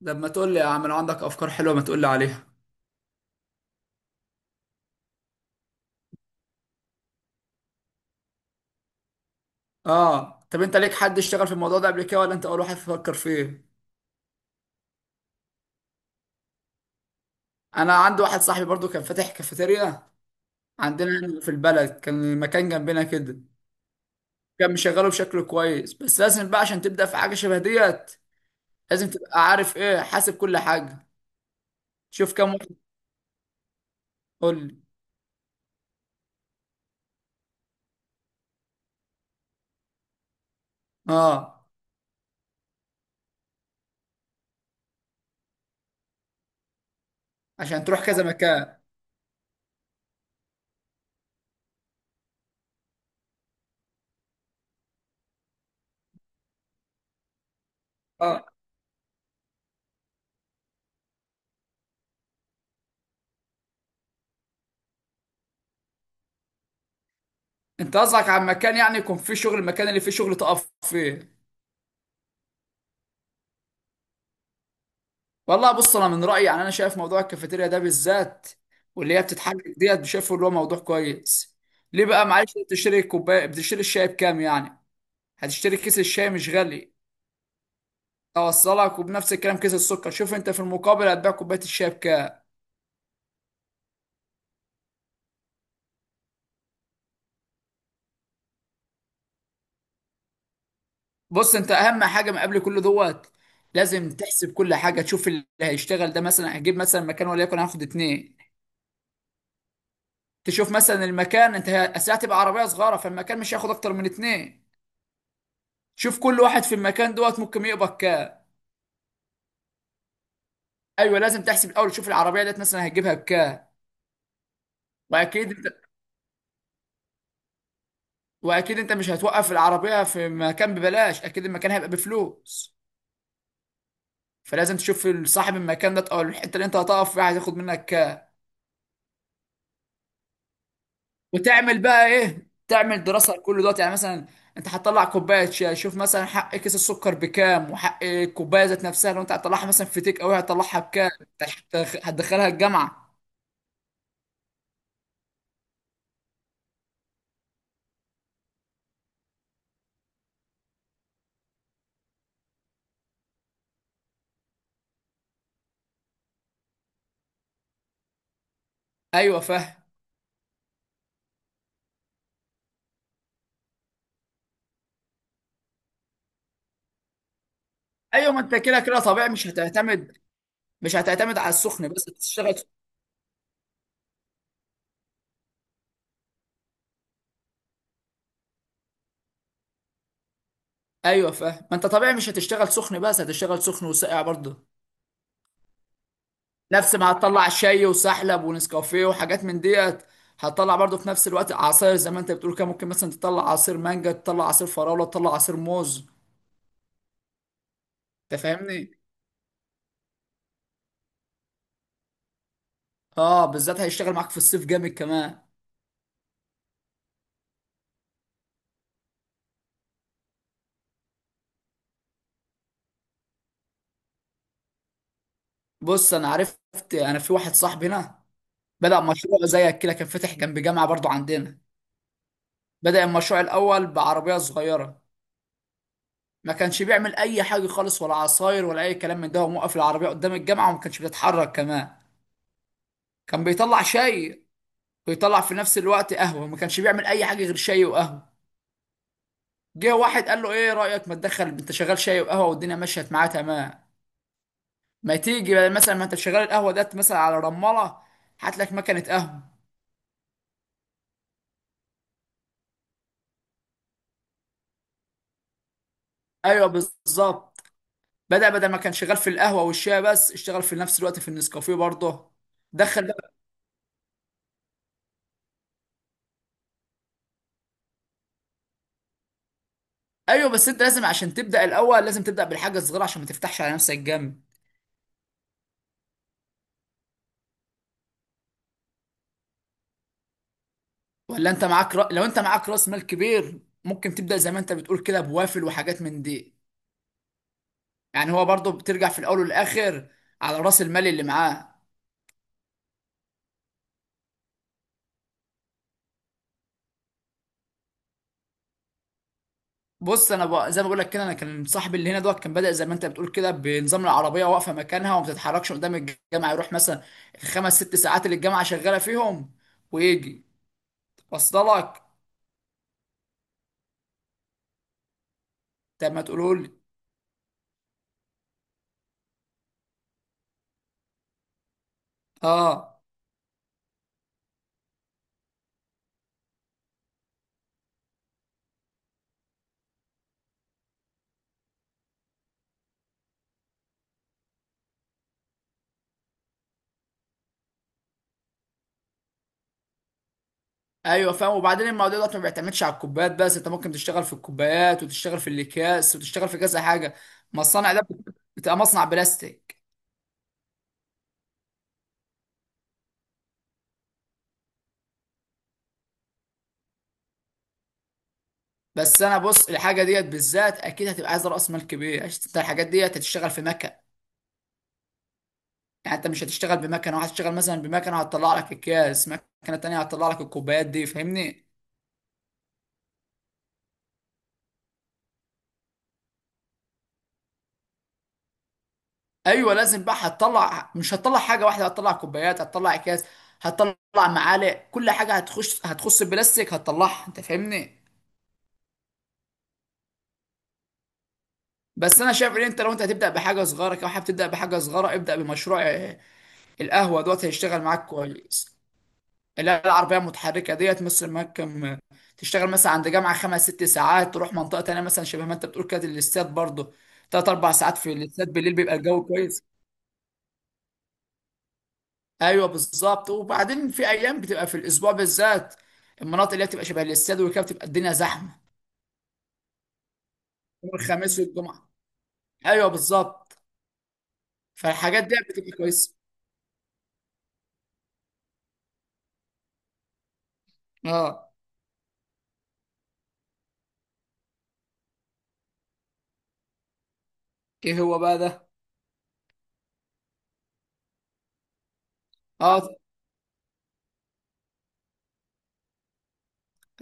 لما تقول لي يا عم، لو عندك افكار حلوه ما تقول لي عليها. اه، طب انت ليك حد اشتغل في الموضوع ده قبل كده ولا انت اول واحد تفكر فيه؟ انا عندي واحد صاحبي برضو كان فاتح كافيتيريا عندنا هنا في البلد، كان المكان جنبنا كده. كان مشغله بشكل كويس، بس لازم بقى عشان تبدا في حاجه شبه ديت لازم تبقى عارف ايه، حاسب كل حاجه. شوف كام واحد، قول لي. اه، عشان تروح كذا مكان. اه، انت قصدك على مكان يعني يكون فيه شغل، المكان اللي فيه شغل تقف فيه. والله بص، انا من رايي يعني انا شايف موضوع الكافيتيريا ده بالذات واللي هي بتتحرك ديت شايفه اللي هو موضوع كويس. ليه بقى؟ معلش، أنت بتشتري كوبايه، بتشتري الشاي بكام يعني؟ هتشتري كيس الشاي مش غالي، اوصلك، وبنفس الكلام كيس السكر. شوف انت في المقابل هتبيع كوبايه الشاي بكام. بص انت، اهم حاجه من قبل كل دوت لازم تحسب كل حاجه، تشوف اللي هيشتغل ده. مثلا هجيب مثلا مكان وليكن هاخد اتنين، تشوف مثلا المكان. انت الساعه تبقى عربيه صغيره فالمكان مش هياخد اكتر من اتنين. شوف كل واحد في المكان دوت ممكن يقبض كام. ايوه، لازم تحسب الاول، تشوف العربيه ديت مثلا هتجيبها بكام. واكيد انت واكيد انت مش هتوقف العربيه في مكان ببلاش، اكيد المكان هيبقى بفلوس. فلازم تشوف صاحب المكان ده او الحته اللي انت هتقف فيها هتاخد منك كام. وتعمل بقى ايه، تعمل دراسه لكل دوت. يعني مثلا انت هتطلع كوبايه شاي، شوف مثلا حق كيس السكر بكام وحق الكوبايه ذات نفسها، لو انت هتطلعها مثلا في تيك اوي هتطلعها بكام، انت هتدخلها الجامعه. ايوه فاهم. ايوه ما انت كده كده طبيعي، مش هتعتمد على السخن بس تشتغل. ايوه فاهم، ما انت طبيعي مش هتشتغل سخن بس، هتشتغل سخن وساقع برضه. نفس ما هتطلع شاي وسحلب ونسكافيه وحاجات من ديت، هتطلع برضه في نفس الوقت عصاير زي ما انت بتقول كده. ممكن مثلا تطلع عصير مانجا، تطلع عصير فراوله، تطلع عصير موز. انت فاهمني، اه بالذات هيشتغل معاك في الصيف جامد كمان. بص انا عرفت، انا في واحد صاحبي هنا بدأ مشروع زيك كده، كان فاتح جنب جامعه برضه عندنا. بدأ المشروع الاول بعربيه صغيره، ما كانش بيعمل اي حاجه خالص، ولا عصاير ولا اي كلام من ده، وموقف العربيه قدام الجامعه وما كانش بيتحرك كمان. كان بيطلع شاي ويطلع في نفس الوقت قهوه، ما كانش بيعمل اي حاجه غير شاي وقهوه. جه واحد قال له ايه رايك ما تدخل، انت شغال شاي وقهوه والدنيا مشيت معاه تمام، ما تيجي بقى مثلا، ما انت شغال القهوه ديت مثلا على رماله، هات لك مكنه قهوه. ايوه بالظبط. بدأ، بدل ما كان شغال في القهوه والشاي بس، اشتغل في نفس الوقت في النسكافيه برضه. دخل. ايوه بس انت لازم عشان تبدا الاول لازم تبدا بالحاجه الصغيره، عشان ما تفتحش على نفسك جامد. ولا انت معاك رأ... لو انت معاك راس مال كبير ممكن تبدا زي ما انت بتقول كده بوافل وحاجات من دي. يعني هو برضه بترجع في الاول والاخر على راس المال اللي معاه. زي ما بقول لك كده، انا كان صاحبي اللي هنا دوت كان بدا زي ما انت بتقول كده بنظام العربيه واقفه مكانها وما بتتحركش قدام الجامعه، يروح مثلا الخمس ست ساعات اللي الجامعه شغاله فيهم ويجي وصل لك. طب ما تقولوا لي. اه. ايوه فاهم، وبعدين الموضوع ده ما بيعتمدش على الكوبايات بس، انت ممكن تشتغل في الكوبايات وتشتغل في الاكياس وتشتغل في كذا حاجه. ما الصنع ده بتبقى مصنع بلاستيك. بس انا بص، الحاجه ديت بالذات اكيد هتبقى عايز راس مال كبير عشان انت الحاجات ديت هتشتغل في مكن. يعني انت مش هتشتغل بمكنه، وهتشتغل مثلا بمكنه هتطلع لك اكياس، مكنه تانيه هتطلع لك الكوبايات دي، فاهمني. ايوه لازم بقى، هتطلع مش هتطلع حاجه واحده، هتطلع كوبايات، هتطلع اكياس، هتطلع معالق، كل حاجه هتخش هتخص البلاستيك هتطلعها، انت فاهمني. بس انا شايف ان انت لو انت هتبدا بحاجه صغيره كده، حابب تبدا بحاجه صغيره، ابدا بمشروع آه، القهوه دوت هيشتغل معاك كويس. لا، العربيه المتحركه ديت مثل ما كم، تشتغل مثلا عند جامعه خمس ست ساعات، تروح منطقه تانيه مثلا شبه ما انت بتقول كده الاستاد برضه، تلات اربع ساعات في الاستاد بالليل بيبقى الجو كويس. ايوه بالظبط. وبعدين في ايام بتبقى في الاسبوع بالذات المناطق اللي هي بتبقى شبه الاستاد وكده بتبقى الدنيا زحمه، يوم الخميس والجمعه. ايوه بالظبط. فالحاجات دي بتبقى كويسه. اه. ايه هو بقى ده؟ اه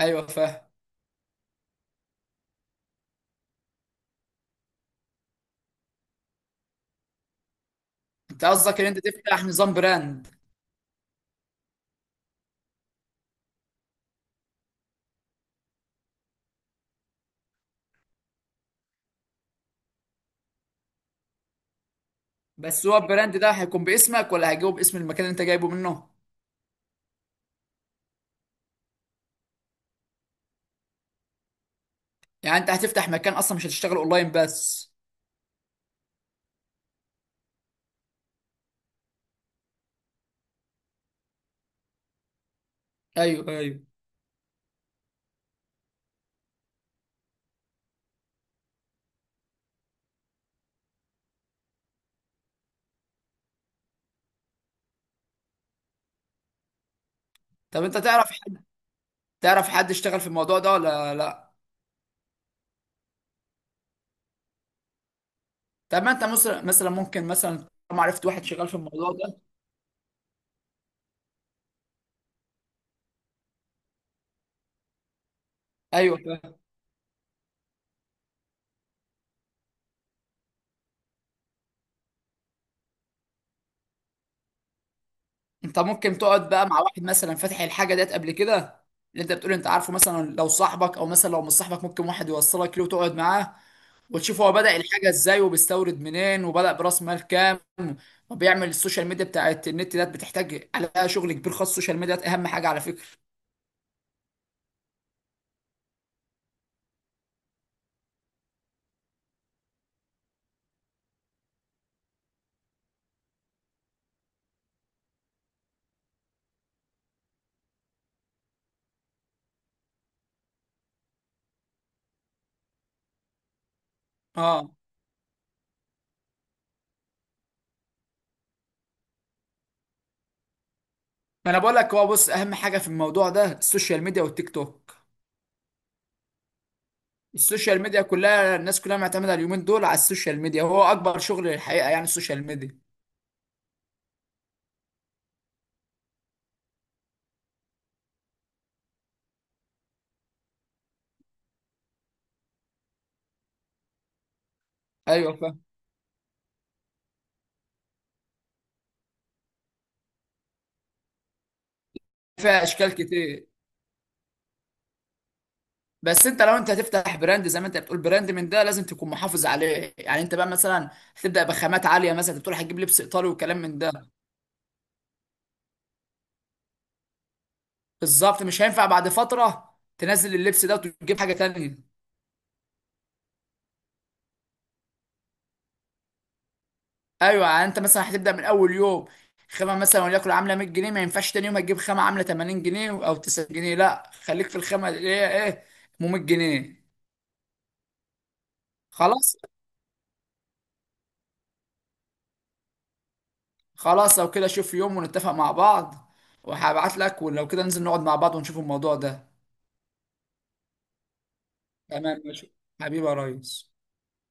ايوه فاهم. انت قصدك ان انت تفتح نظام براند؟ بس هو البراند ده هيكون باسمك ولا هيجيبه باسم المكان اللي انت جايبه منه؟ يعني انت هتفتح مكان اصلا، مش هتشتغل اونلاين بس؟ ايوه ايوه. طب انت تعرف حد، تعرف حد اشتغل في الموضوع ده ولا لا؟ طب ما انت مثلا، ممكن مثلا طالما عرفت واحد شغال في الموضوع ده. ايوه فاهم. انت ممكن تقعد بقى مع واحد مثلا فاتح الحاجه ديت قبل كده، اللي انت بتقول انت عارفه، مثلا لو صاحبك او مثلا لو مش صاحبك ممكن واحد يوصلك له وتقعد معاه وتشوف هو بدأ الحاجه ازاي، وبيستورد منين، وبدأ براس مال كام، وبيعمل السوشيال ميديا بتاعت النت ديت بتحتاج عليها شغل كبير، خاص السوشيال ميديا ديت اهم حاجه على فكره. اه، ما انا بقول لك هو، بص اهم حاجه في الموضوع ده السوشيال ميديا والتيك توك. السوشيال ميديا كلها، الناس كلها معتمده اليومين دول على السوشيال ميديا، وهو اكبر شغل الحقيقه يعني السوشيال ميديا. ايوه فاهم، فيها اشكال كتير. بس انت لو انت هتفتح براند زي ما انت بتقول براند من ده لازم تكون محافظ عليه. يعني انت بقى مثلا هتبدا بخامات عاليه، مثلا انت بتقول هتجيب لبس ايطالي وكلام من ده. بالظبط. مش هينفع بعد فتره تنزل اللبس ده وتجيب حاجه تانية. ايوه يعني انت مثلا هتبدا من اول يوم خامه مثلا وليكن عامله 100 جنيه، ما ينفعش تاني يوم هتجيب خامه عامله 80 جنيه او 90 جنيه، لا خليك في الخامه اللي هي ايه، ب 100 جنيه. خلاص. خلاص لو كده شوف يوم ونتفق مع بعض، وهبعت لك، ولو كده ننزل نقعد مع بعض ونشوف الموضوع ده. تمام ماشي. حبيبي يا ريس.